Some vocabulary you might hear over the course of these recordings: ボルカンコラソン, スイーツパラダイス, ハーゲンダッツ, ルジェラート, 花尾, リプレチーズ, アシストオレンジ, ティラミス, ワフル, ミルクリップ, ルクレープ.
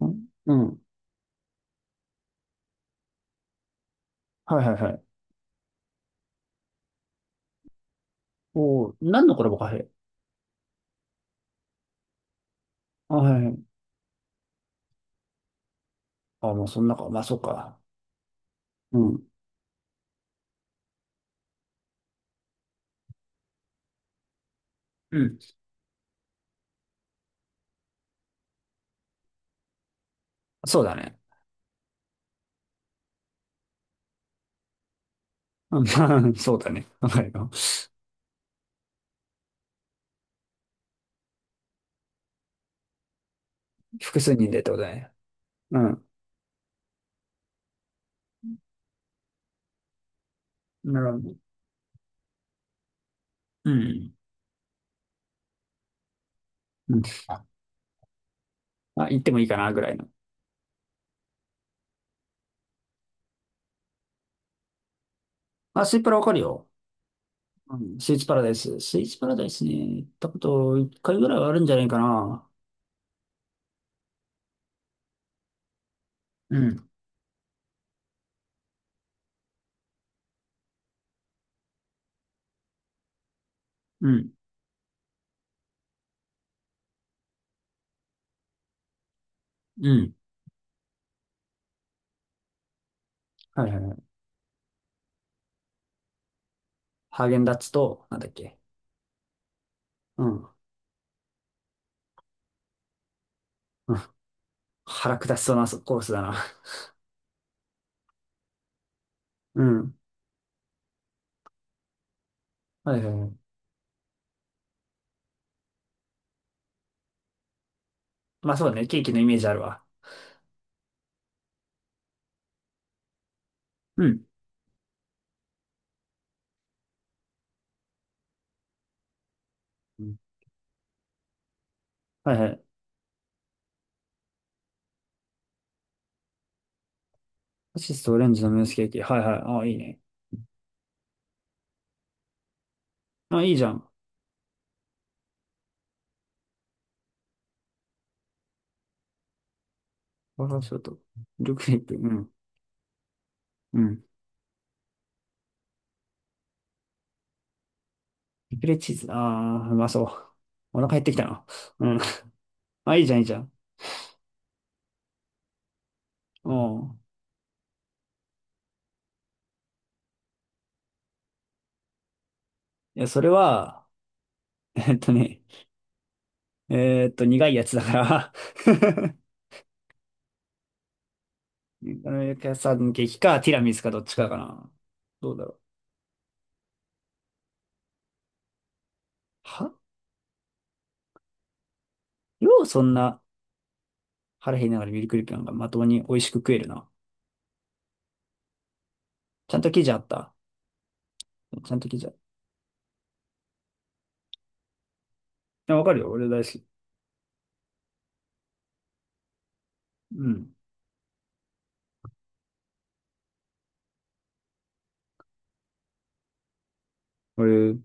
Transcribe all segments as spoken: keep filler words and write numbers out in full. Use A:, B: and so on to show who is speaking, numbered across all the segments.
A: うんうん。はいはいはい。おお、何のコラボカフェ？あ、はいはい。あ、もうそんなか。まあ、そうか。うん。うん。そうだね。うん、まあ そうだね。はいよ。複数人でってことだね。うん。なるほど。うん。うん。あ、行ってもいいかな、ぐらいの。あ、スイパラわかるよ。うん。スイーツパラダイス。スイーツパラダイスね。行ったこといっかいぐらいはあるんじゃないかな。うん。うん。うん。はいはいはい。ハーゲンダッツと、なんだっけ。うん。うん。腹下しそうなコースだな。うん。はいはいはい。まあ、そうだね。ケーキのイメージあるわ。うん。うん。はいはい。アシストオレンジのムースケーキ。はいはい。ああ、いいね。あ、いいじゃん。ワフルショート。ルクレープ。うん。うん。リプレチーズ。ああ、うまそう。お腹減ってきたな。うん。あ、いいじゃん、いいじゃん。うん。いや、それは、えっとね、えっと、苦いやつだから あの、焼き屋さんのケーキか、ティラミスか、どっちかかな。どうだろう。はよう、そんな腹減りながらミルクリップなんかまともに美味しく食えるな。ちゃんと生地あった。ちゃんと生地あった。や、わかるよ。俺大好き。うん。え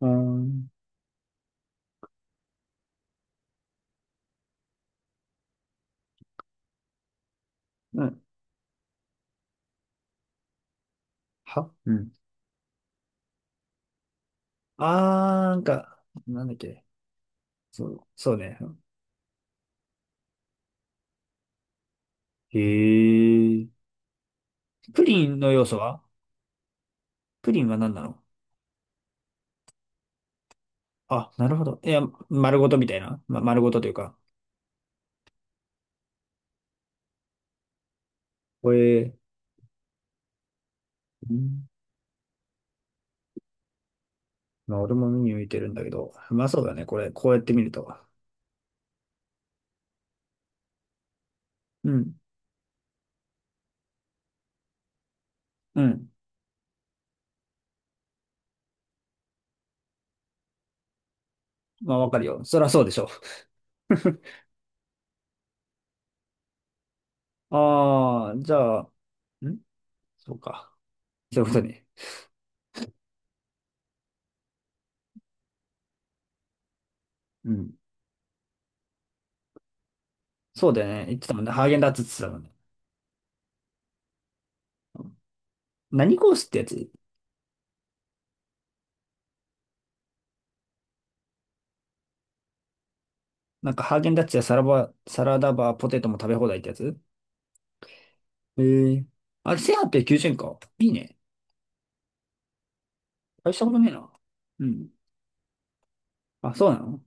A: あー、うんはうん。あー、なんか、なんだっけ。そう、そうね。へえ。プリンの要素は？プリンは何なの？あ、なるほど。いや、丸ごとみたいな。ま、丸ごとというか。これ、うん、まあ、俺も目に浮いてるんだけど。まあ、そうだね。これ、こうやって見ると。うん。うん。まあ、わかるよ。そりゃそうでしょ。ああ、じゃあ、んそうか。そういうことね。うん。そうだよね。言ってたもんね。ハーゲンダッツって言ってたもんね。何コースってやつ？なんかハーゲンダッツやサラバ、サラダバーポテトも食べ放題ってやつ？ええ、あれ、せんはっぴゃくきゅうじゅうえんか。いいね。大したことねえな。うん。あ、そうなの？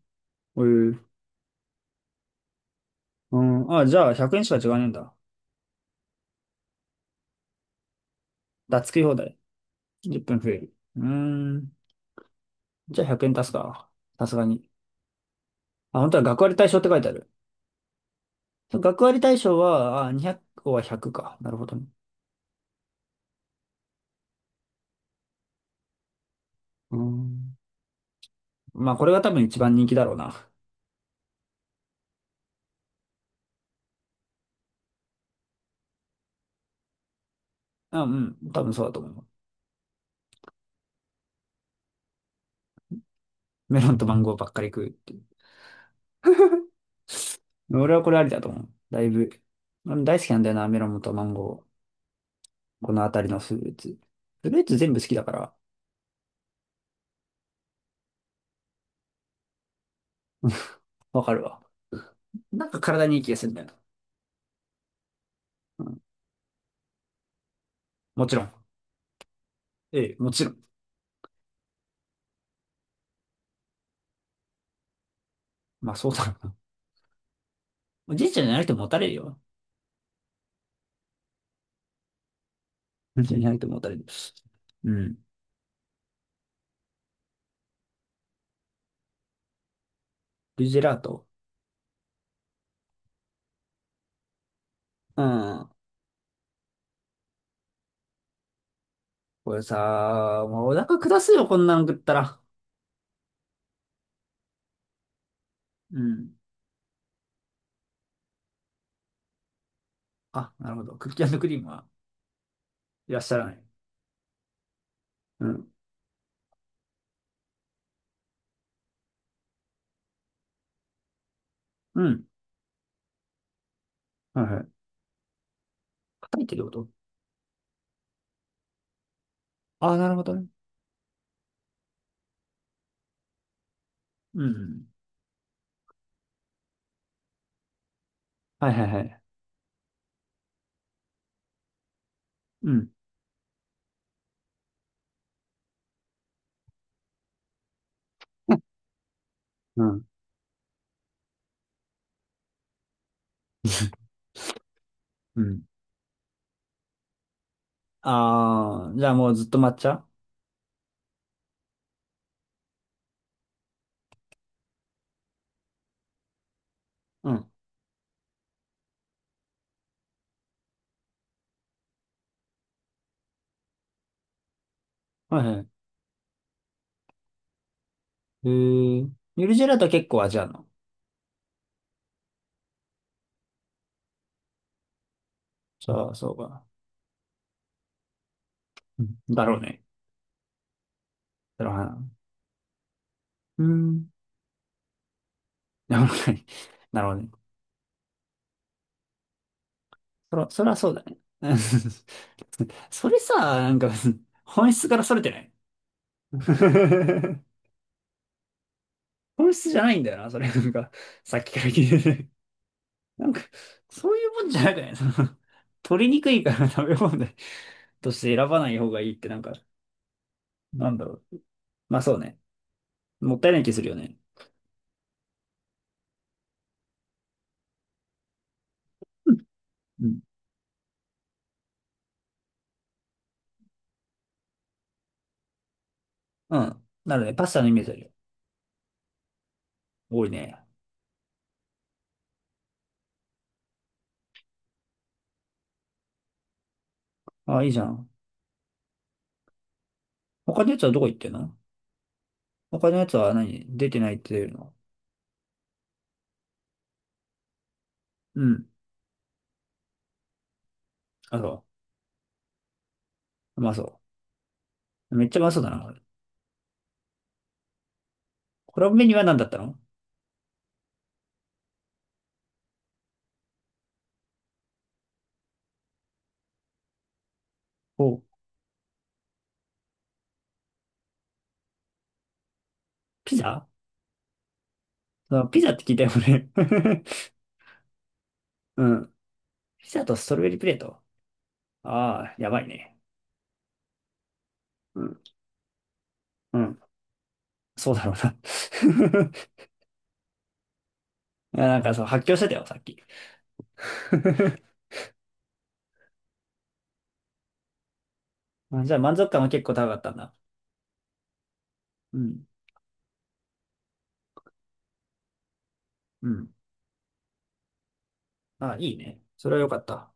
A: ええ。うん。あ、じゃあひゃくえんしか違わねえんだ。ダッツ食い放題。じゅっぷん増える。うーん。じゃあひゃくえん足すか。さすがに。あ、本当は学割対象って書いてある。学割対象は、あ、にひゃっこはひゃくか。なるほどね。うーん。まあ、これが多分一番人気だろうな。あ、うん。多分そうだと思う。メロンとマンゴーばっかり食うっていう。俺はこれありだと思う。だいぶ。俺大好きなんだよな、メロンとマンゴー。このあたりのフルーツ。フルーツ全部好きだから。わかるわ。なんか体にいい気がするんだよな。うん。もちろん。ええ、もちろん。まあ、そうだろうな。おじいちゃんじゃなくてももたれるよ。おじいちゃんじゃなくてももたれる。うん。ルジェラート。うん。これさ、もうお腹下すよ、こんなの食ったら。うん。あ、なるほど。クッキークリームは？いらっしゃらない。うん。うん。はいはい。叩いてること？ああー、なるほどね。うん。はいはいはい。うん。うん。うん。ああ、じゃあもうずっと抹茶？うん。はいはい。へえ。ゆるジェラート結構味あるの？そう、そうか。うん。だろうね。だろうな。うん。なるほどね。なるほどね。そら、そらそうだね。うん。 それさ、なんか、本質からそれてない？ 本質じゃないんだよな、それ。なんか、さっきから聞いてて、なんか、そういうもんじゃないかね。その、取りにくいから食べ物でとして選ばない方がいいって、なんか、なんだろう。まあ、そうね。もったいない気するよね。うんうん。うん、なるね。パスタのイメージあるよ。多いね。あ、いいじゃん。他のやつはどこ行ってんの？他のやつは何出てないっていうの？うん。あ、そう。うまそう。めっちゃうまそうだな。コラボメニューは何だったの？お、ピザ？そのピザって聞いたよね。うん。ピザとストロベリープレート。ああ、やばいね。うん。うん。そうだろうな。 いや、なんか、そう、発狂してたよ、さっき。あ、じゃあ満足感は結構高かったんだ。うん。うん。あ、いいね。それは良かった。